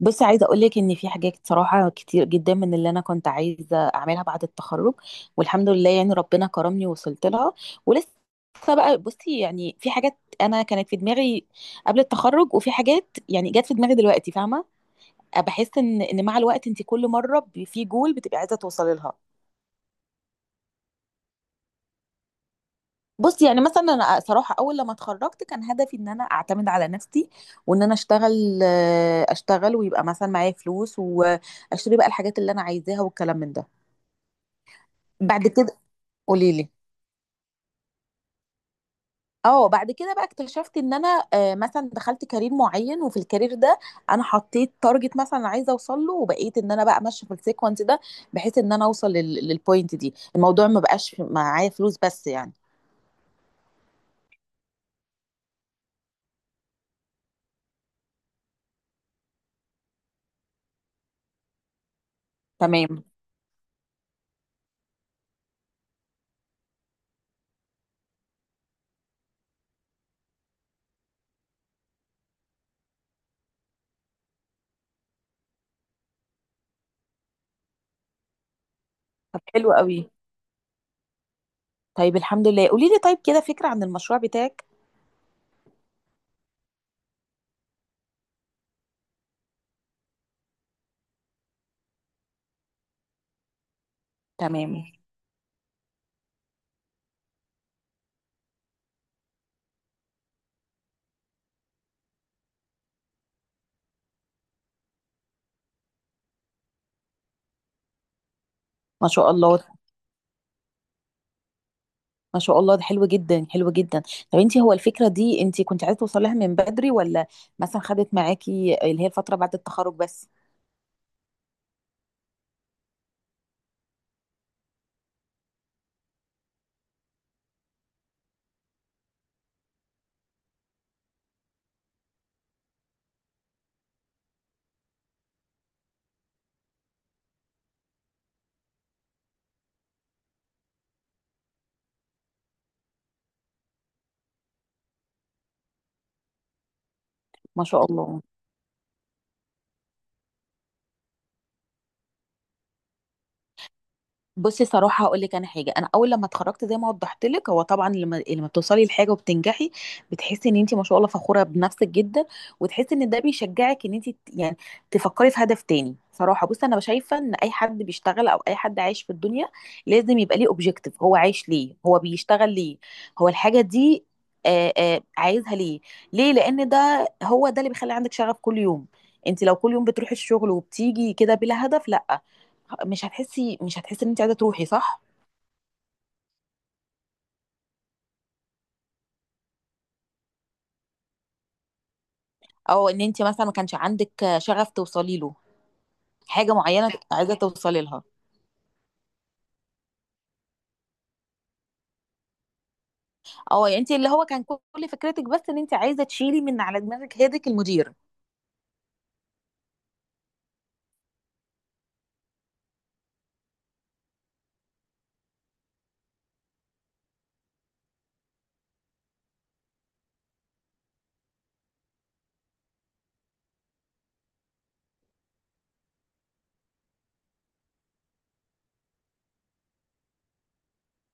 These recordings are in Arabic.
بصي عايزه اقول لك ان في حاجات صراحه كتير جدا من اللي انا كنت عايزه اعملها بعد التخرج، والحمد لله ربنا كرمني ووصلت لها ولسه. بقى بصي في حاجات انا كانت في دماغي قبل التخرج، وفي حاجات يعني جت في دماغي دلوقتي، فاهمه. بحس ان مع الوقت انت كل مره في جول بتبقي عايزه توصلي لها. بصي يعني مثلا انا صراحه اول لما اتخرجت كان هدفي ان انا اعتمد على نفسي، وان انا اشتغل. ويبقى مثلا معايا فلوس واشتري بقى الحاجات اللي انا عايزاها والكلام من ده. بعد كده قولي لي. اه، بعد كده بقى اكتشفت ان انا مثلا دخلت كارير معين، وفي الكارير ده انا حطيت تارجت مثلا عايزه اوصل له، وبقيت ان انا بقى ماشيه في السيكونس ده بحيث ان انا اوصل للبوينت دي. الموضوع ما بقاش معايا فلوس بس يعني. تمام. طب حلو قوي. طيب الحمد لله، قولي لي طيب كده فكره عن المشروع بتاعك. تمام. ما شاء الله. ما شاء الله ده حلو جدا، حلو جدا. طب انت هو الفكره دي انت كنت عايزه توصلها من بدري، ولا مثلا خدت معاكي اللي هي الفتره بعد التخرج بس؟ ما شاء الله. بصي صراحة هقول لك أنا حاجة. أنا أول لما اتخرجت زي ما وضحت لك، هو طبعا لما بتوصلي لحاجة وبتنجحي بتحسي إن أنت ما شاء الله فخورة بنفسك جدا، وتحسي إن ده بيشجعك إن أنت تفكري في هدف تاني. صراحة بصي أنا شايفة إن أي حد بيشتغل أو أي حد عايش في الدنيا لازم يبقى ليه أوبجيكتيف. هو عايش ليه، هو بيشتغل ليه، هو الحاجة دي عايزها ليه، ليه؟ لأن ده هو ده اللي بيخلي عندك شغف كل يوم. أنت لو كل يوم بتروحي الشغل وبتيجي كده بلا هدف، لا، مش هتحسي ان انت عايزه تروحي. صح؟ او ان انت مثلا ما كانش عندك شغف توصلي له، حاجه معينه عايزه توصلي لها. اه، يعني انت اللي هو كان كل فكرتك بس ان انت عايزه تشيلي من على دماغك هيدك المدير.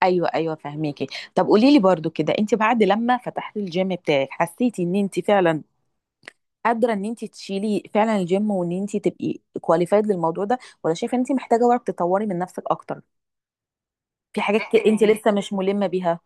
ايوه فهميكي. طب قولي لي برضو كده، انت بعد لما فتحتي الجيم بتاعك حسيتي ان انت فعلا قادره ان انت تشيلي فعلا الجيم، وان انت تبقي كواليفايد للموضوع ده؟ ولا شايفه ان انت محتاجه برضه تطوري من نفسك اكتر، في حاجات انت لسه مش ملمه بيها؟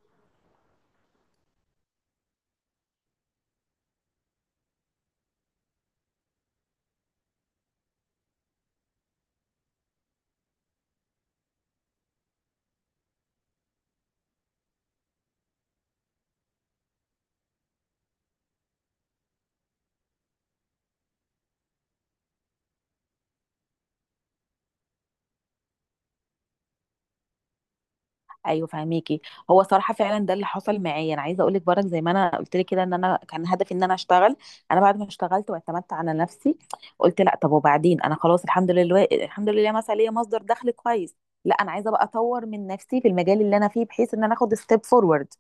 ايوه فهميكي. هو صراحه فعلا ده اللي حصل معايا. انا عايزه اقول لك برك، زي ما انا قلت لك كده، ان انا كان هدفي ان انا اشتغل. انا بعد ما اشتغلت واعتمدت على نفسي قلت لا، طب وبعدين، انا خلاص الحمد لله، الحمد لله مثلا ليا مصدر دخل كويس، لا انا عايزه بقى اطور من نفسي في المجال اللي انا فيه بحيث ان انا اخد ستيب فورورد.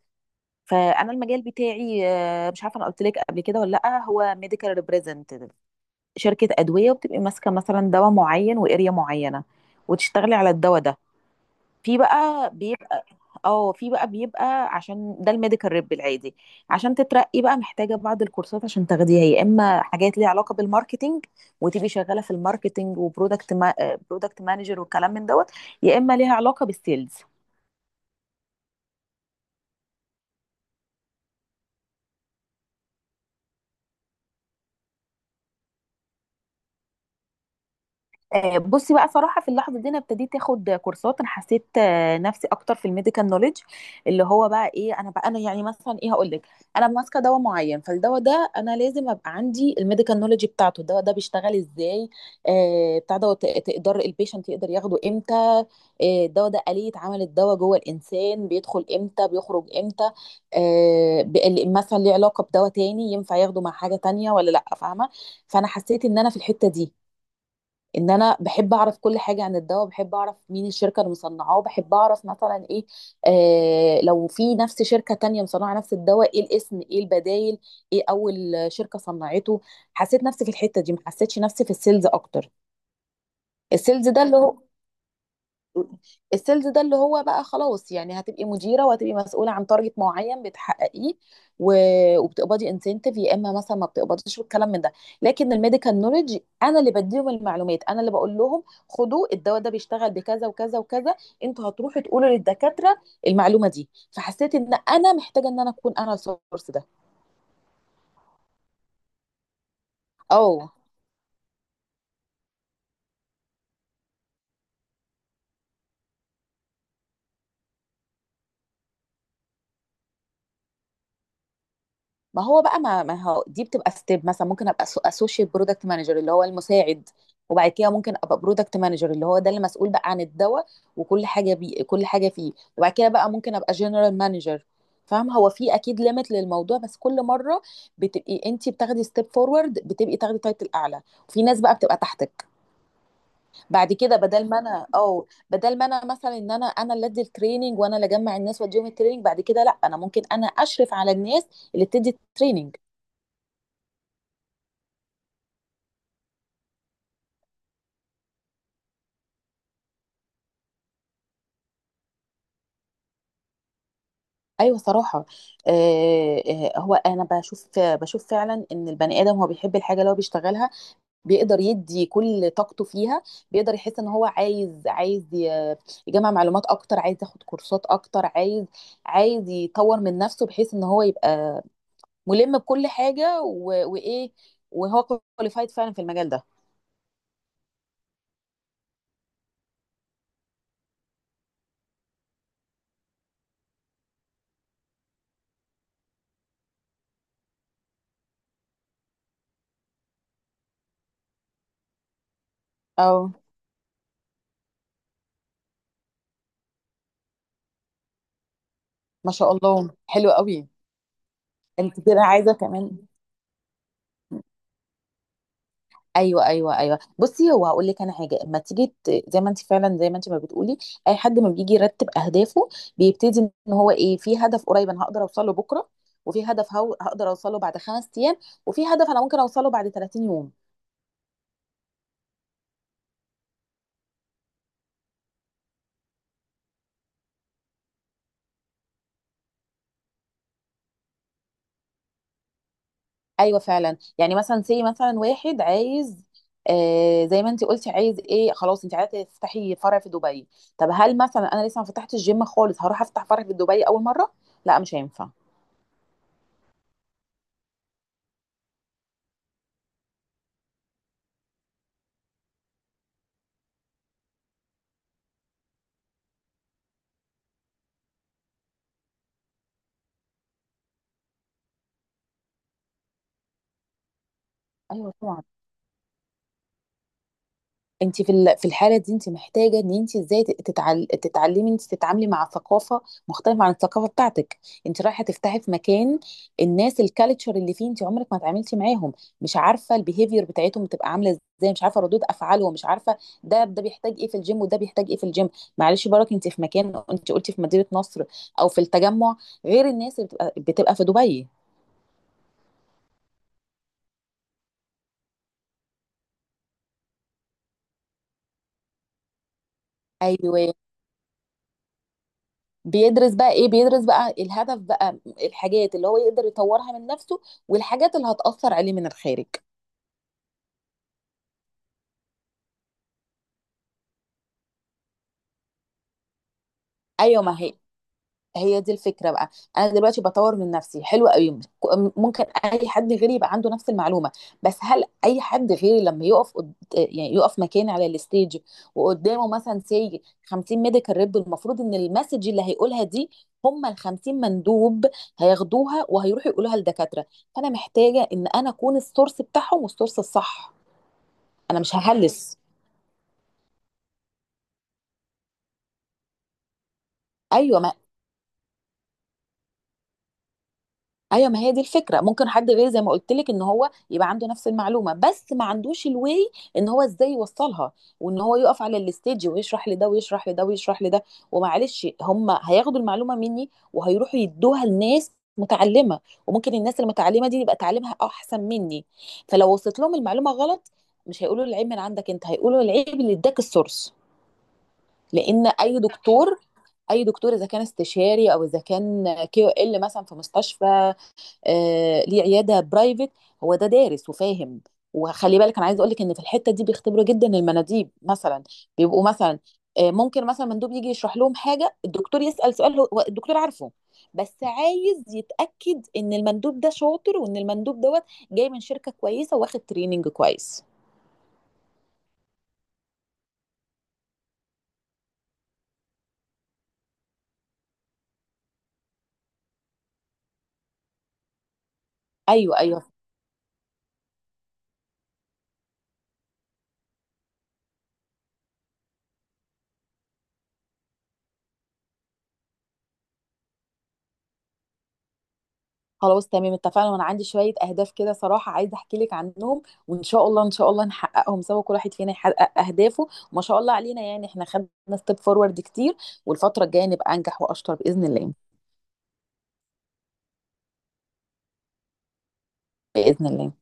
فانا المجال بتاعي مش عارفه انا قلت لك قبل كده ولا لا، هو ميديكال ريبريزنتيف. شركه ادويه وبتبقي ماسكه مثلا دواء معين، واريا معينه وتشتغلي على الدواء ده. في بقى بيبقى. اه، في بقى بيبقى، عشان ده الميديكال ريب العادي. عشان تترقي بقى محتاجه بعض الكورسات عشان تاخديها، يا اما حاجات ليها علاقه بالماركتينج وتبقي شغاله في الماركتينج وبرودكت ما... برودكت مانجر والكلام من دوت، يا اما ليها علاقه بالسيلز. بصي بقى صراحة في اللحظة دي أنا ابتديت آخد كورسات. أنا حسيت نفسي أكتر في الميديكال نوليدج. اللي هو بقى إيه، أنا بقى أنا يعني مثلا إيه، هقول لك. أنا ماسكة دواء معين، فالدواء ده أنا لازم أبقى عندي الميديكال نوليدج بتاعته. الدواء ده بيشتغل إزاي، بتاع ده، تقدر البيشنت يقدر ياخده إمتى، الدواء ده آلية عمل الدواء جوه الإنسان، بيدخل إمتى بيخرج إمتى، مثلا ليه علاقة بدواء تاني ينفع ياخده مع حاجة تانية ولا لأ، فاهمة. فأنا حسيت إن أنا في الحتة دي، ان انا بحب اعرف كل حاجه عن الدواء، بحب اعرف مين الشركه اللي مصنعاه، بحب اعرف مثلا ايه، لو في نفس شركه تانية مصنعه نفس الدواء، ايه الاسم، ايه البدايل، ايه اول شركه صنعته. حسيت نفسي في الحته دي، ما حسيتش نفسي في السيلز اكتر. السيلز ده اللي هو، بقى خلاص يعني هتبقي مديره وهتبقي مسؤوله عن تارجت معين بتحققيه، وبتقبضي انسنتيف يا اما مثلا ما بتقبضيش والكلام من ده. لكن الميديكال نوليدج انا اللي بديهم المعلومات، انا اللي بقول لهم خدوا الدواء ده بيشتغل بكذا وكذا وكذا، انتوا هتروحوا تقولوا للدكاتره المعلومه دي. فحسيت ان انا محتاجه ان انا اكون انا السورس ده. اه، ما هو دي بتبقى ستيب، مثلا ممكن ابقى اسوشيت برودكت مانجر اللي هو المساعد، وبعد كده ممكن ابقى برودكت مانجر اللي هو ده اللي مسؤول بقى عن الدواء وكل حاجه كل حاجه فيه، وبعد كده بقى ممكن ابقى جنرال مانجر. فاهم، هو في اكيد ليميت للموضوع، بس كل مره بتبقي انت بتاخدي ستيب فورورد، بتبقي تاخدي تايتل اعلى وفي ناس بقى بتبقى تحتك. بعد كده بدل ما انا، او بدل ما انا مثلا ان انا، انا اللي ادي التريننج وانا اللي اجمع الناس واديهم التريننج، بعد كده لا انا ممكن انا اشرف على الناس اللي بتدي التريننج. ايوه صراحه. آه، هو انا بشوف فعلا ان البني ادم هو بيحب الحاجه اللي هو بيشتغلها، بيقدر يدي كل طاقته فيها، بيقدر يحس ان هو عايز يجمع معلومات اكتر، عايز ياخد كورسات اكتر، عايز يطور من نفسه بحيث ان هو يبقى ملم بكل حاجه وايه، وهو كواليفايد فعلا في المجال ده. اه ما شاء الله حلو قوي. انت كده عايزه كمان. ايوه بصي هو هقول لك انا حاجه. اما تيجي زي ما انت فعلا، زي ما انت ما بتقولي، اي حد ما بيجي يرتب اهدافه بيبتدي ان هو ايه، في هدف قريب انا هقدر اوصل له بكره، وفي هدف هو هقدر اوصل له بعد خمس ايام، وفي هدف انا ممكن اوصله بعد 30 يوم. ايوه فعلا. يعني مثلا سي مثلا واحد عايز، زي ما انت قلتي عايز ايه، خلاص انت عايزه تفتحي فرع في دبي. طب هل مثلا انا لسه ما فتحتش الجيم خالص هروح افتح فرع في دبي اول مره؟ لا مش هينفع. ايوه انت في في الحاله دي انت محتاجه ان انت ازاي تتعلمي انت تتعاملي مع ثقافه مختلفه عن الثقافه بتاعتك. انت رايحه تفتحي في مكان الناس الكالتشر اللي فيه انت عمرك ما اتعاملتي معاهم، مش عارفه البيهيفير بتاعتهم بتبقى عامله ازاي، مش عارفه ردود افعالهم، مش عارفه ده ده بيحتاج ايه في الجيم وده بيحتاج ايه في الجيم. معلش برك انت في مكان، انت قلتي في مدينه نصر او في التجمع، غير الناس اللي بتبقى في دبي. ايوه بيدرس بقى ايه، بيدرس بقى الهدف بقى، الحاجات اللي هو يقدر يطورها من نفسه، والحاجات اللي هتأثر عليه من الخارج. ايوه ما هي، هي دي الفكرة بقى. أنا دلوقتي بطور من نفسي حلو قوي، ممكن أي حد غيري يبقى عنده نفس المعلومة، بس هل أي حد غيري لما يعني يقف مكاني على الستيج وقدامه مثلا سي 50 ميديكال ريب، المفروض إن المسج اللي هيقولها دي هم ال 50 مندوب هياخدوها وهيروحوا يقولوها للدكاترة. فأنا محتاجة إن أنا أكون السورس بتاعهم والسورس الصح. أنا مش ههلس. أيوة، ايوه ما هي دي الفكره. ممكن حد غير زي ما قلت لك ان هو يبقى عنده نفس المعلومه، بس ما عندوش الواي ان هو ازاي يوصلها، وان هو يقف على الستيج ويشرح لده ويشرح لده ويشرح لده. ومعلش هم هياخدوا المعلومه مني وهيروحوا يدوها لناس متعلمه، وممكن الناس المتعلمه دي يبقى تعليمها احسن مني، فلو وصلت لهم المعلومه غلط مش هيقولوا العيب من عندك انت، هيقولوا العيب اللي اداك السورس. لان اي دكتور، اذا كان استشاري او اذا كان كيو ال مثلا في مستشفى، ليه عياده برايفت، هو ده دارس وفاهم. وخلي بالك انا عايز اقول لك ان في الحته دي بيختبروا جدا المناديب. مثلا بيبقوا مثلا، ممكن مثلا مندوب يجي يشرح لهم حاجه، الدكتور يسال سؤال هو هو الدكتور عارفه، بس عايز يتاكد ان المندوب ده شاطر وان المندوب دوت جاي من شركه كويسه واخد تريننج كويس. ايوه خلاص تمام اتفقنا. وانا عندي شوية اهداف كده صراحة عايزة احكي لك عنهم، وان شاء الله، نحققهم سوا. كل واحد فينا يحقق اهدافه، وما شاء الله علينا يعني احنا خدنا ستيب فورورد كتير، والفترة الجاية نبقى انجح واشطر بإذن الله. بإذن الله.